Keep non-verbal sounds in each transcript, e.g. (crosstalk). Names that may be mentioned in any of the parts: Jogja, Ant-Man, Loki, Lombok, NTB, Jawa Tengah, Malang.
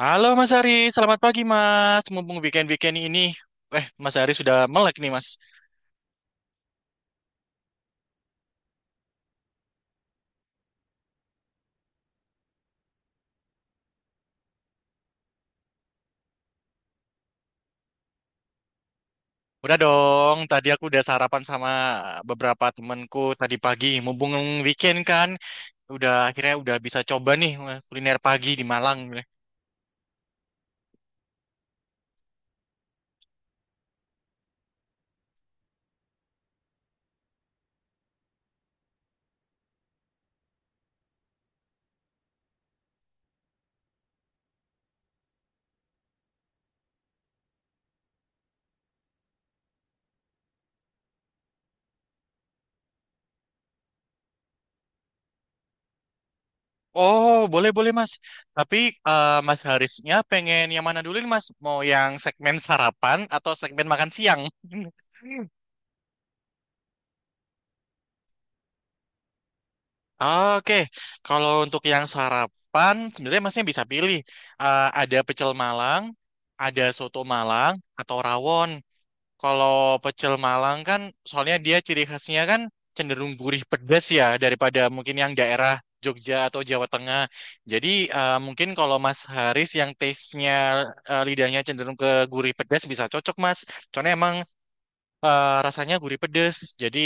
Halo Mas Ari, selamat pagi Mas. Mumpung weekend-weekend ini, Mas Ari sudah melek nih Mas. Udah dong, tadi aku udah sarapan sama beberapa temanku tadi pagi. Mumpung weekend kan, udah akhirnya udah bisa coba nih, kuliner pagi di Malang. Oh, boleh-boleh Mas. Tapi Mas Harisnya pengen yang mana dulu nih Mas? Mau yang segmen sarapan atau segmen makan siang? (laughs) Oke. Kalau untuk yang sarapan sebenarnya masnya bisa pilih. Ada pecel Malang, ada soto Malang atau rawon. Kalau pecel Malang kan soalnya dia ciri khasnya kan cenderung gurih pedas ya daripada mungkin yang daerah Jogja atau Jawa Tengah. Jadi mungkin kalau Mas Haris yang taste-nya, lidahnya cenderung ke gurih pedas bisa cocok Mas. Soalnya emang rasanya gurih pedes, jadi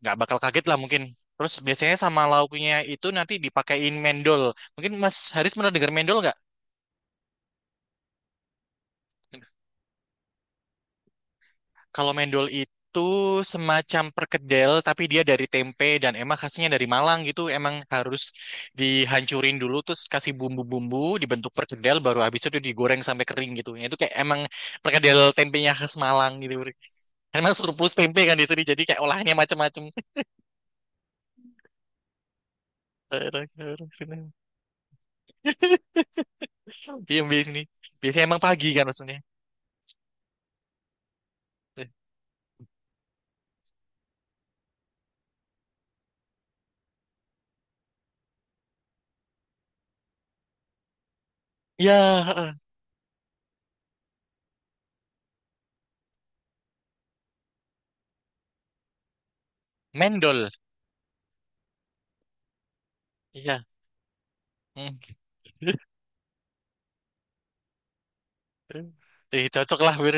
nggak bakal kaget lah mungkin. Terus biasanya sama lauknya itu nanti dipakein mendol. Mungkin Mas Haris pernah dengar mendol nggak? Kalau mendol itu semacam perkedel, tapi dia dari tempe dan emang khasnya dari Malang gitu. Emang harus dihancurin dulu, terus kasih bumbu-bumbu, dibentuk perkedel, baru habis itu digoreng sampai kering gitu. Itu kayak emang perkedel tempenya khas Malang gitu. Karena surplus tempe kan di sini, jadi kayak olahannya macam-macam. (laughs) Iya. Biasanya emang pagi kan maksudnya. Eh, Iya, heeh. Mendol. Iya. Hmm. (laughs) Eh, cocok lah, Wir.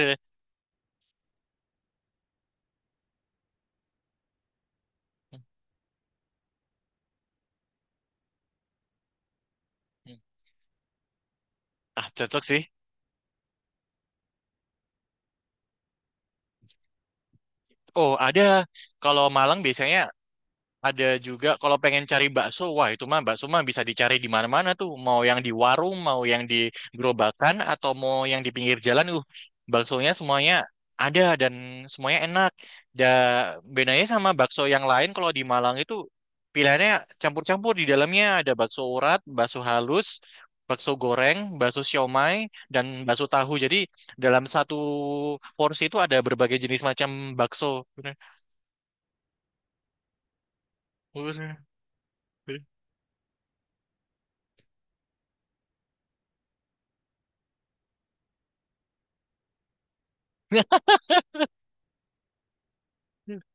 Hmm. Hmm. Ah, cocok sih. Oh, ada. Kalau Malang biasanya ada juga kalau pengen cari bakso, wah itu mah bakso mah bisa dicari di mana-mana tuh. Mau yang di warung, mau yang di gerobakan, atau mau yang di pinggir jalan, baksonya semuanya ada dan semuanya enak. Dan bedanya sama bakso yang lain kalau di Malang itu pilihannya campur-campur di dalamnya ada bakso urat, bakso halus, bakso goreng, bakso siomay, dan bakso tahu. Jadi dalam satu porsi itu ada berbagai jenis macam bakso. (laughs)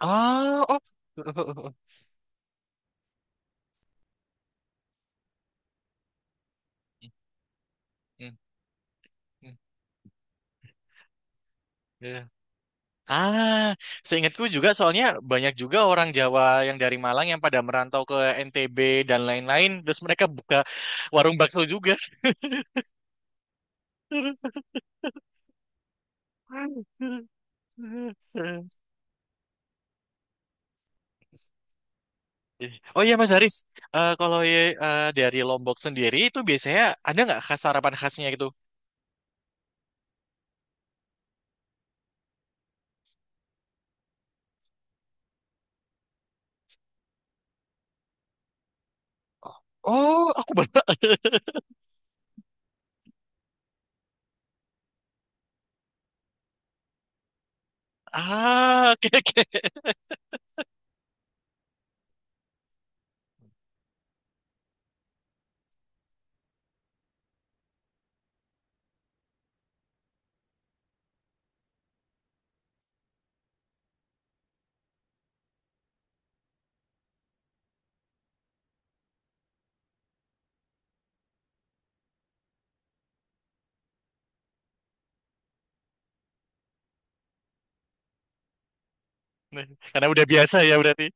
Oh, oh. (laughs) Hmm, hmm, iya. Ah, seingatku juga soalnya banyak juga orang Jawa yang dari Malang yang pada merantau ke NTB dan lain-lain, terus mereka buka warung bakso juga. (laughs) Oh iya Mas Haris, kalau ya, dari Lombok sendiri itu biasanya ada nggak khas sarapan khasnya gitu? Oh, aku baru. (laughs) Ah, oke oke. Nah, karena udah biasa ya berarti.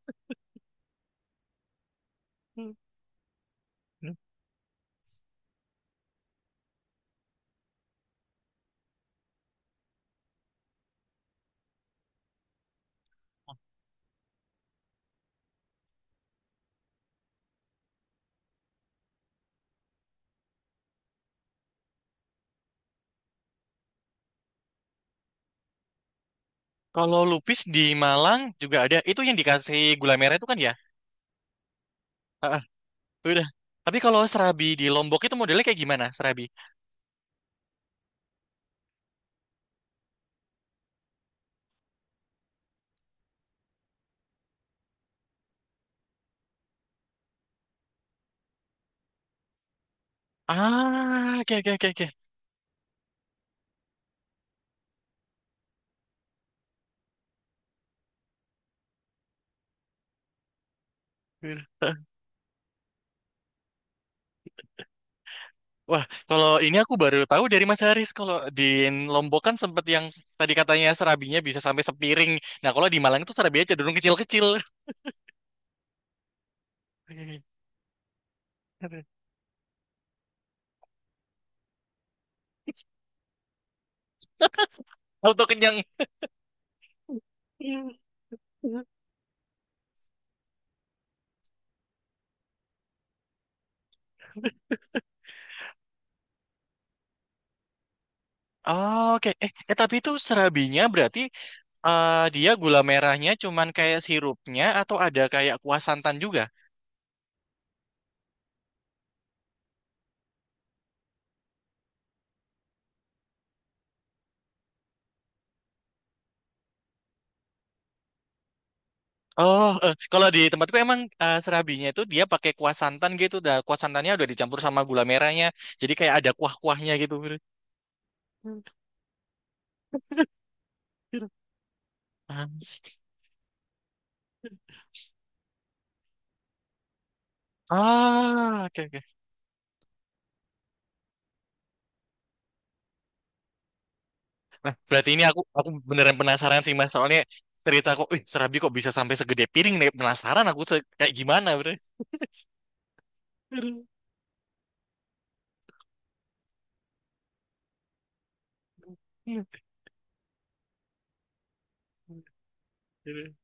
Kalau lupis di Malang juga ada. Itu yang dikasih gula merah itu kan ya? Heeh, udah. Tapi kalau serabi di Lombok itu modelnya kayak gimana serabi? Ah, oke oke oke oke. Ya udah. Wah, kalau ini aku baru tahu dari Mas Haris. Kalau di Lombok kan sempet yang tadi katanya serabinya bisa sampai sepiring. Nah, kalau di Malang itu serabinya cenderung kecil-kecil. (laughs) Auto kenyang. Oke. Tapi itu serabinya berarti dia gula merahnya cuman kayak sirupnya atau ada kayak kuah santan juga? Oh, kalau di tempatku emang, serabinya itu dia pakai kuah santan gitu. Dah, kuah santannya udah dicampur sama gula merahnya. Jadi kayak ada kuah-kuahnya gitu. Ah, oke oke. Nah, berarti ini aku beneran penasaran sih Mas. Soalnya cerita kok, ih, serabi kok bisa sampai segede piring nih. Penasaran aku se- kayak gimana. Bre.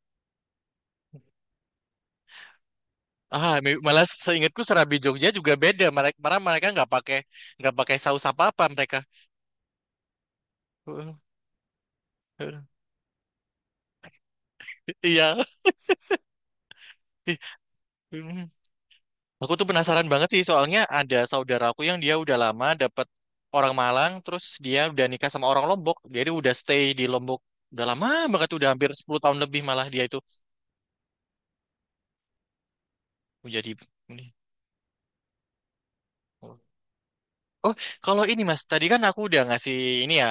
Ah, me- malah seingatku serabi Jogja juga beda. Mereka malah mereka nggak pakai saus apa-apa mereka. Heeh, heeh. Iya. (laughs) Ih, mm. Aku tuh penasaran banget sih soalnya ada saudara aku yang dia udah lama dapat orang Malang terus dia udah nikah sama orang Lombok. Jadi udah stay di Lombok udah lama banget, udah hampir 10 tahun lebih malah dia itu menjadi ini. Oh, kalau ini Mas, tadi kan aku udah ngasih ini ya,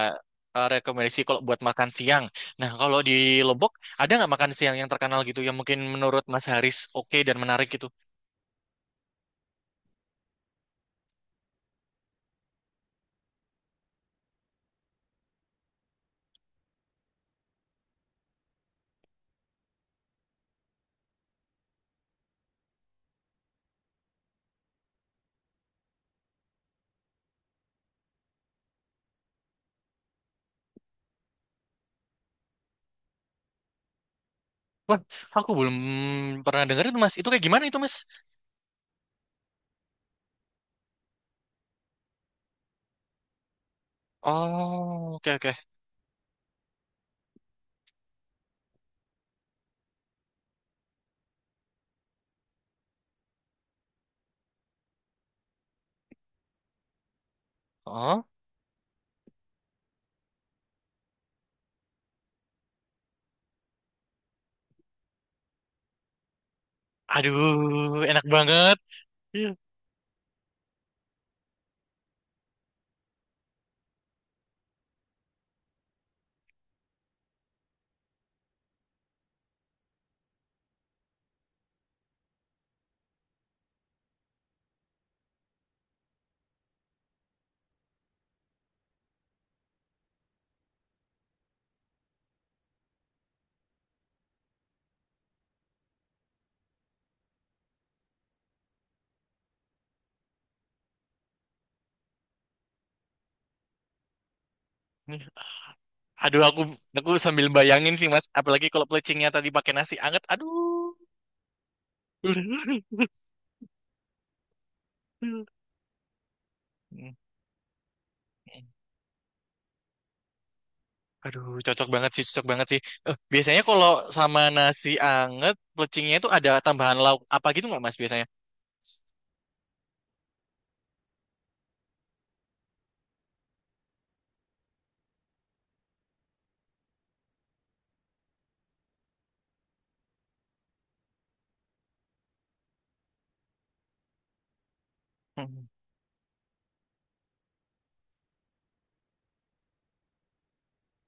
rekomendasi kalau buat makan siang. Nah, kalau di Lebok ada nggak makan siang yang terkenal gitu yang mungkin menurut Mas Haris oke dan menarik gitu? Aku belum pernah dengerin tuh, Mas. Itu kayak gimana itu Mas? Oh, oke oke. Oh, aduh, enak banget. Iya. Nih, aduh, aku sambil bayangin sih Mas, apalagi kalau pelecingnya tadi pakai nasi anget. Aduh. (laughs) Aduh, cocok banget sih, cocok banget sih. Eh, biasanya kalau sama nasi anget, plecingnya itu ada tambahan lauk apa gitu nggak, Mas, biasanya? Hmm,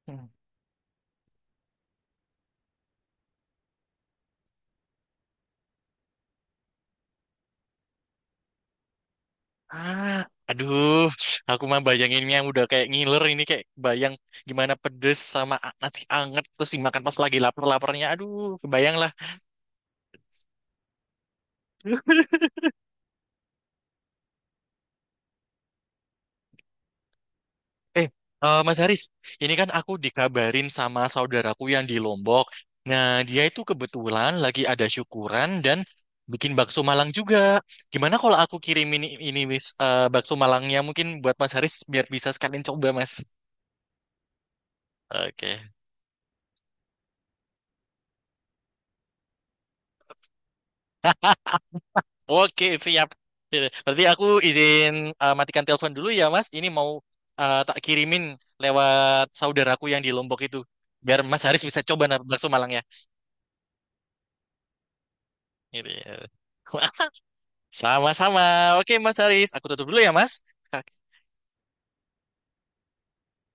hmm. Ah, aduh, aku mah bayanginnya udah kayak ngiler ini, kayak bayang gimana pedes sama a- nasi anget, terus dimakan pas lagi lapar-laparnya. Aduh, kebayang lah. (laughs) Eh, Mas Haris, ini kan aku dikabarin sama saudaraku yang di Lombok. Nah, dia itu kebetulan lagi ada syukuran dan bikin bakso Malang juga. Gimana kalau aku kirimin ini Miss, bakso Malangnya mungkin buat Mas Haris biar bisa sekalian coba, Mas. Oke. Oke, siap. Ya, berarti aku izin, matikan telepon dulu ya, Mas. Ini mau, tak kirimin lewat saudaraku yang di Lombok itu. Biar Mas Haris bisa coba na- bakso Malangnya. Gitu ya. (laughs) Sama-sama. Oke, Mas Haris. Aku tutup dulu ya, Mas. Ka-